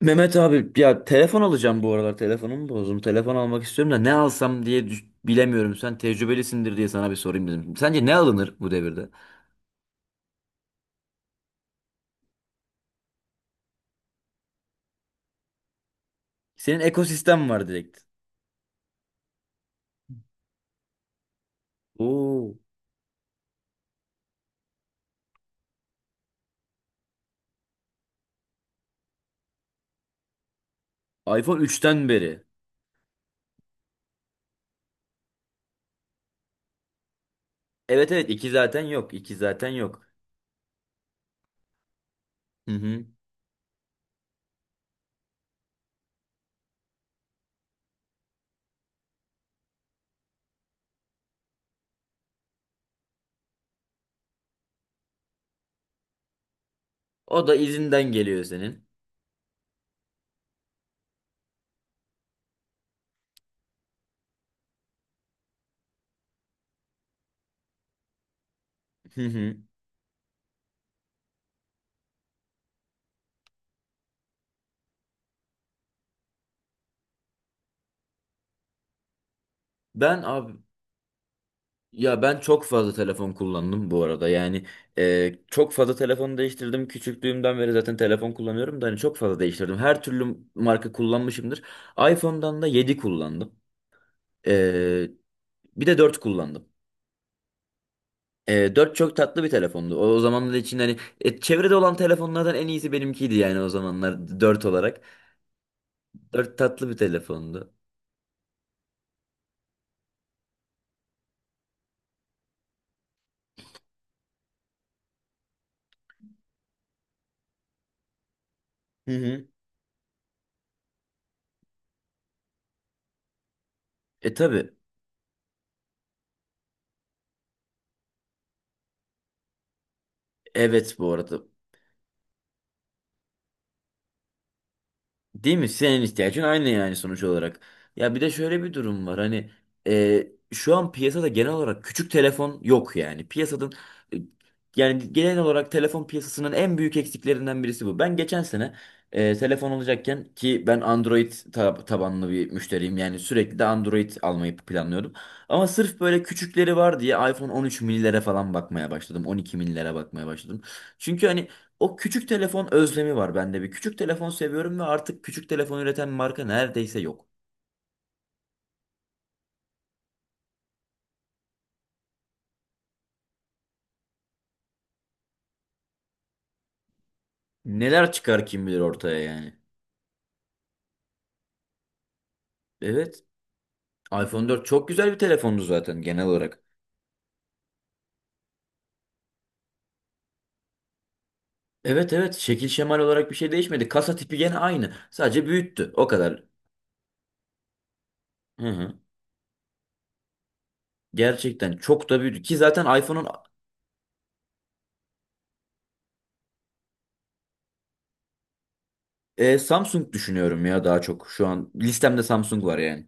Mehmet abi, ya telefon alacağım bu aralar, telefonumu bozdum. Telefon almak istiyorum da ne alsam diye bilemiyorum. Sen tecrübelisindir diye sana bir sorayım dedim. Sence ne alınır bu devirde? Senin ekosistem var direkt. Oo. iPhone 3'ten beri. Evet evet, 2 zaten yok. İki zaten yok. Hı hı. O da izinden geliyor senin. Hı hı. Ben abi. Ya ben çok fazla telefon kullandım bu arada. Yani çok fazla telefon değiştirdim. Küçüklüğümden beri zaten telefon kullanıyorum da hani çok fazla değiştirdim. Her türlü marka kullanmışımdır. iPhone'dan da 7 kullandım. E, bir de dört kullandım. 4 çok tatlı bir telefondu. O zamanlar için hani çevrede olan telefonlardan en iyisi benimkiydi yani o zamanlar dört olarak. Dört tatlı bir telefondu. Hı hı. E tabii. Evet bu arada. Değil mi? Senin ihtiyacın aynı yani sonuç olarak. Ya bir de şöyle bir durum var. Hani e, şu an piyasada genel olarak küçük telefon yok yani. Piyasanın e, yani genel olarak telefon piyasasının en büyük eksiklerinden birisi bu. Ben geçen sene telefon alacakken ki ben Android tabanlı bir müşteriyim. Yani sürekli de Android almayı planlıyordum. Ama sırf böyle küçükleri var diye iPhone 13 minilere falan bakmaya başladım. 12 minilere bakmaya başladım. Çünkü hani o küçük telefon özlemi var bende bir. Küçük telefon seviyorum ve artık küçük telefon üreten marka neredeyse yok. Neler çıkar kim bilir ortaya yani. Evet, iPhone 4 çok güzel bir telefondu zaten genel olarak. Evet evet, şekil şemal olarak bir şey değişmedi. Kasa tipi gene aynı. Sadece büyüttü. O kadar. Hı hı. Gerçekten çok da büyüdü. Ki zaten iPhone'un. Samsung düşünüyorum ya daha çok şu an. Listemde Samsung var yani.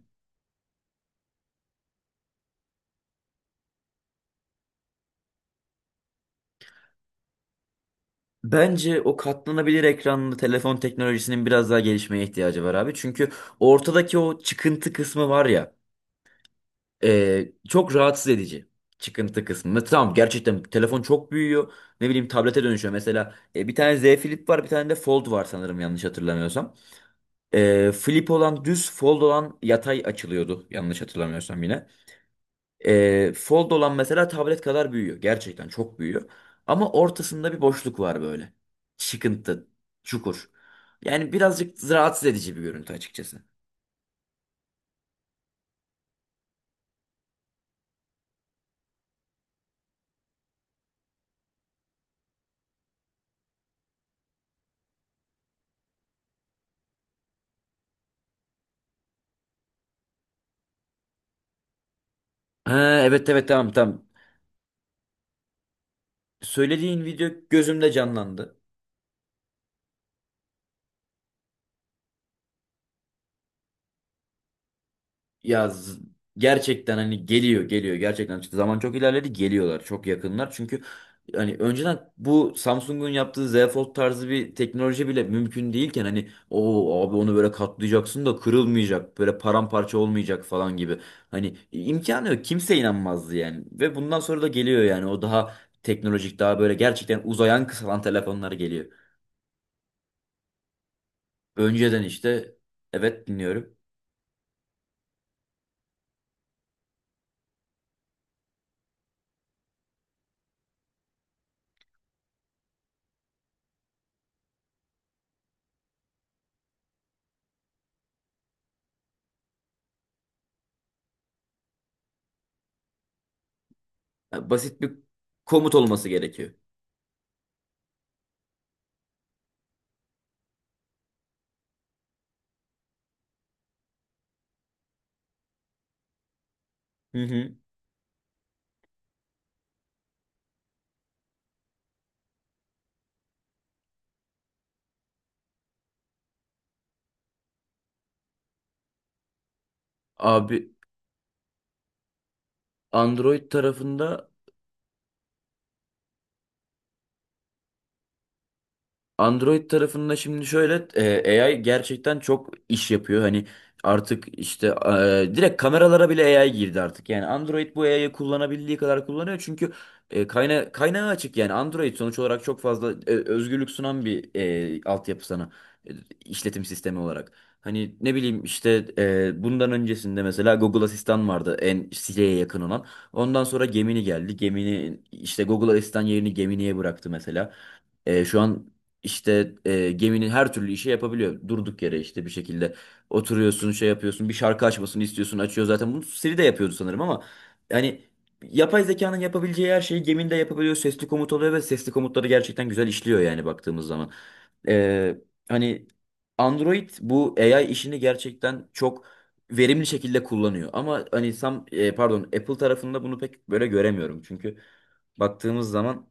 Bence o katlanabilir ekranlı telefon teknolojisinin biraz daha gelişmeye ihtiyacı var abi. Çünkü ortadaki o çıkıntı kısmı var ya, çok rahatsız edici. Çıkıntı kısmı. Mesela tamam, gerçekten telefon çok büyüyor. Ne bileyim, tablete dönüşüyor. Mesela bir tane Z Flip var, bir tane de Fold var sanırım, yanlış hatırlamıyorsam. Flip olan düz, Fold olan yatay açılıyordu, yanlış hatırlamıyorsam yine. Fold olan mesela tablet kadar büyüyor. Gerçekten çok büyüyor. Ama ortasında bir boşluk var böyle. Çıkıntı, çukur. Yani birazcık rahatsız edici bir görüntü açıkçası. Ha, evet evet, tamam tamam. Söylediğin video gözümde canlandı. Ya z- gerçekten hani geliyor geliyor, gerçekten çıktı. Zaman çok ilerledi, geliyorlar çok yakınlar. Çünkü hani önceden bu Samsung'un yaptığı Z Fold tarzı bir teknoloji bile mümkün değilken, hani o abi onu böyle katlayacaksın da kırılmayacak, böyle paramparça olmayacak falan gibi. Hani imkanı yok, kimse inanmazdı yani, ve bundan sonra da geliyor yani, o daha teknolojik, daha böyle gerçekten uzayan kısalan telefonlar geliyor. Önceden işte. Evet, dinliyorum. Basit bir komut olması gerekiyor. Hı hı. Abi, Android tarafında. Android tarafında şimdi şöyle AI gerçekten çok iş yapıyor. Hani artık işte direkt kameralara bile AI girdi artık. Yani Android bu AI'yı kullanabildiği kadar kullanıyor. Çünkü kaynağı açık yani Android sonuç olarak çok fazla özgürlük sunan bir altyapı sana e, işletim sistemi olarak. Hani ne bileyim işte bundan öncesinde mesela Google Asistan vardı, en Siri'ye yakın olan. Ondan sonra Gemini geldi. Gemini işte Google Asistan yerini Gemini'ye bıraktı mesela. Şu an işte geminin her türlü işi yapabiliyor. Durduk yere işte bir şekilde oturuyorsun, şey yapıyorsun, bir şarkı açmasını istiyorsun, açıyor zaten. Bunu Siri de yapıyordu sanırım ama yani yapay zekanın yapabileceği her şeyi geminde yapabiliyor. Sesli komut oluyor ve sesli komutları gerçekten güzel işliyor yani baktığımız zaman. E, hani Android bu AI işini gerçekten çok verimli şekilde kullanıyor. Ama hani pardon, Apple tarafında bunu pek böyle göremiyorum. Çünkü baktığımız zaman,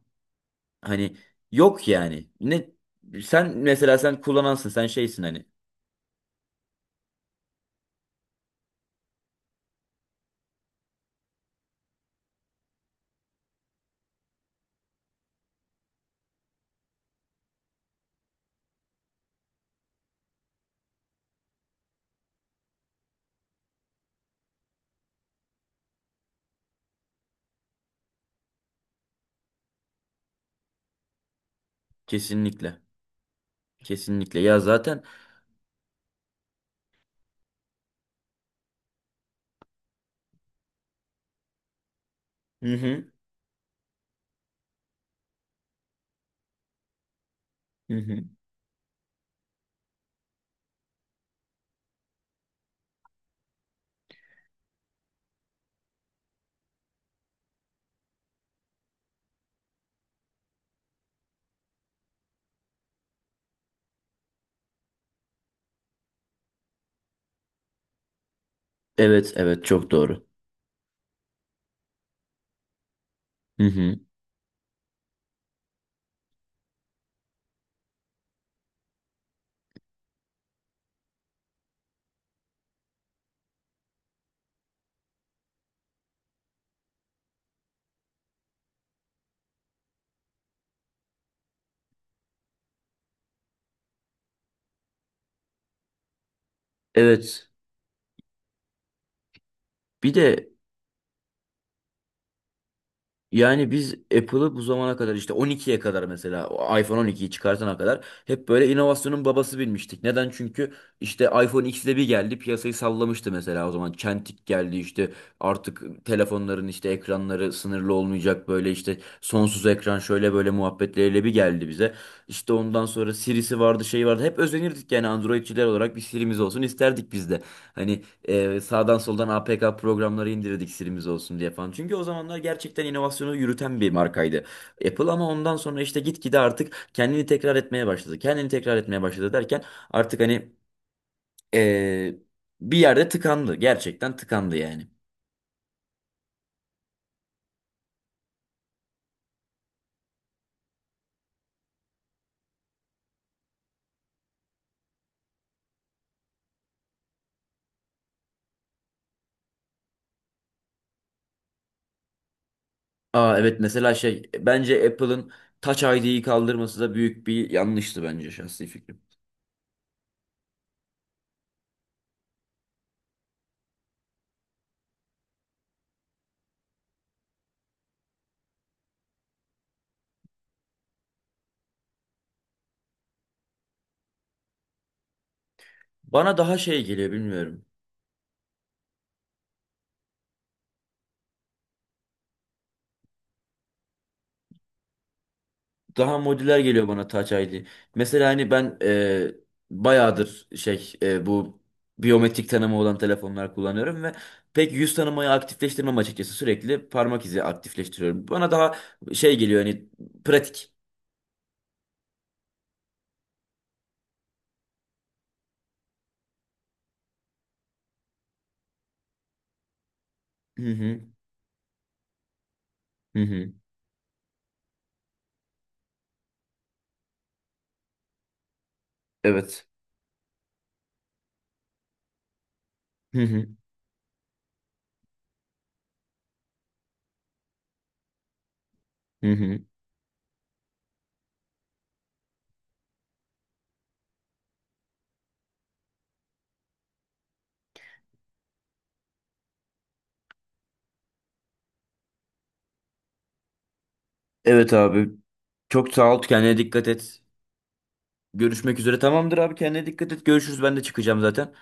hani yok yani. Sen mesela sen kullanansın, sen şeysin hani. Kesinlikle. Kesinlikle. Ya zaten. Hı hı. Hı hı. Evet evet, çok doğru. Hı hı. Evet. Bir de. Yani biz Apple'ı bu zamana kadar işte 12'ye kadar, mesela o iPhone 12'yi çıkartana kadar hep böyle inovasyonun babası bilmiştik. Neden? Çünkü işte iPhone X'de bir geldi, piyasayı sallamıştı mesela o zaman. Çentik geldi işte, artık telefonların işte ekranları sınırlı olmayacak, böyle işte sonsuz ekran, şöyle böyle muhabbetleriyle bir geldi bize. İşte ondan sonra Siri'si vardı, şey vardı, hep özenirdik yani, Androidçiler olarak bir Siri'miz olsun isterdik biz de. Hani sağdan soldan APK programları indirdik, silimiz olsun diye falan. Çünkü o zamanlar gerçekten inovasyonu yürüten bir markaydı. Apple, ama ondan sonra işte gitgide artık kendini tekrar etmeye başladı. Kendini tekrar etmeye başladı derken, artık hani ee, bir yerde tıkandı. Gerçekten tıkandı yani. Aa evet, mesela şey, bence Apple'ın Touch ID'yi kaldırması da büyük bir yanlıştı, bence şahsi fikrim. Bana daha şey geliyor, bilmiyorum. Daha modüler geliyor bana Touch ID. Mesela hani ben bayağıdır şey bu biyometrik tanıma olan telefonlar kullanıyorum ve pek yüz tanımayı aktifleştirmem açıkçası. Sürekli parmak izi aktifleştiriyorum. Bana daha şey geliyor hani, pratik. Hı hı. Hı hı. Evet. Hı hı. Hı hı. Evet abi. Çok sağ ol, kendine dikkat et. Görüşmek üzere. Tamamdır abi, kendine dikkat et. Görüşürüz. Ben de çıkacağım zaten.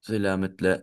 Selametle.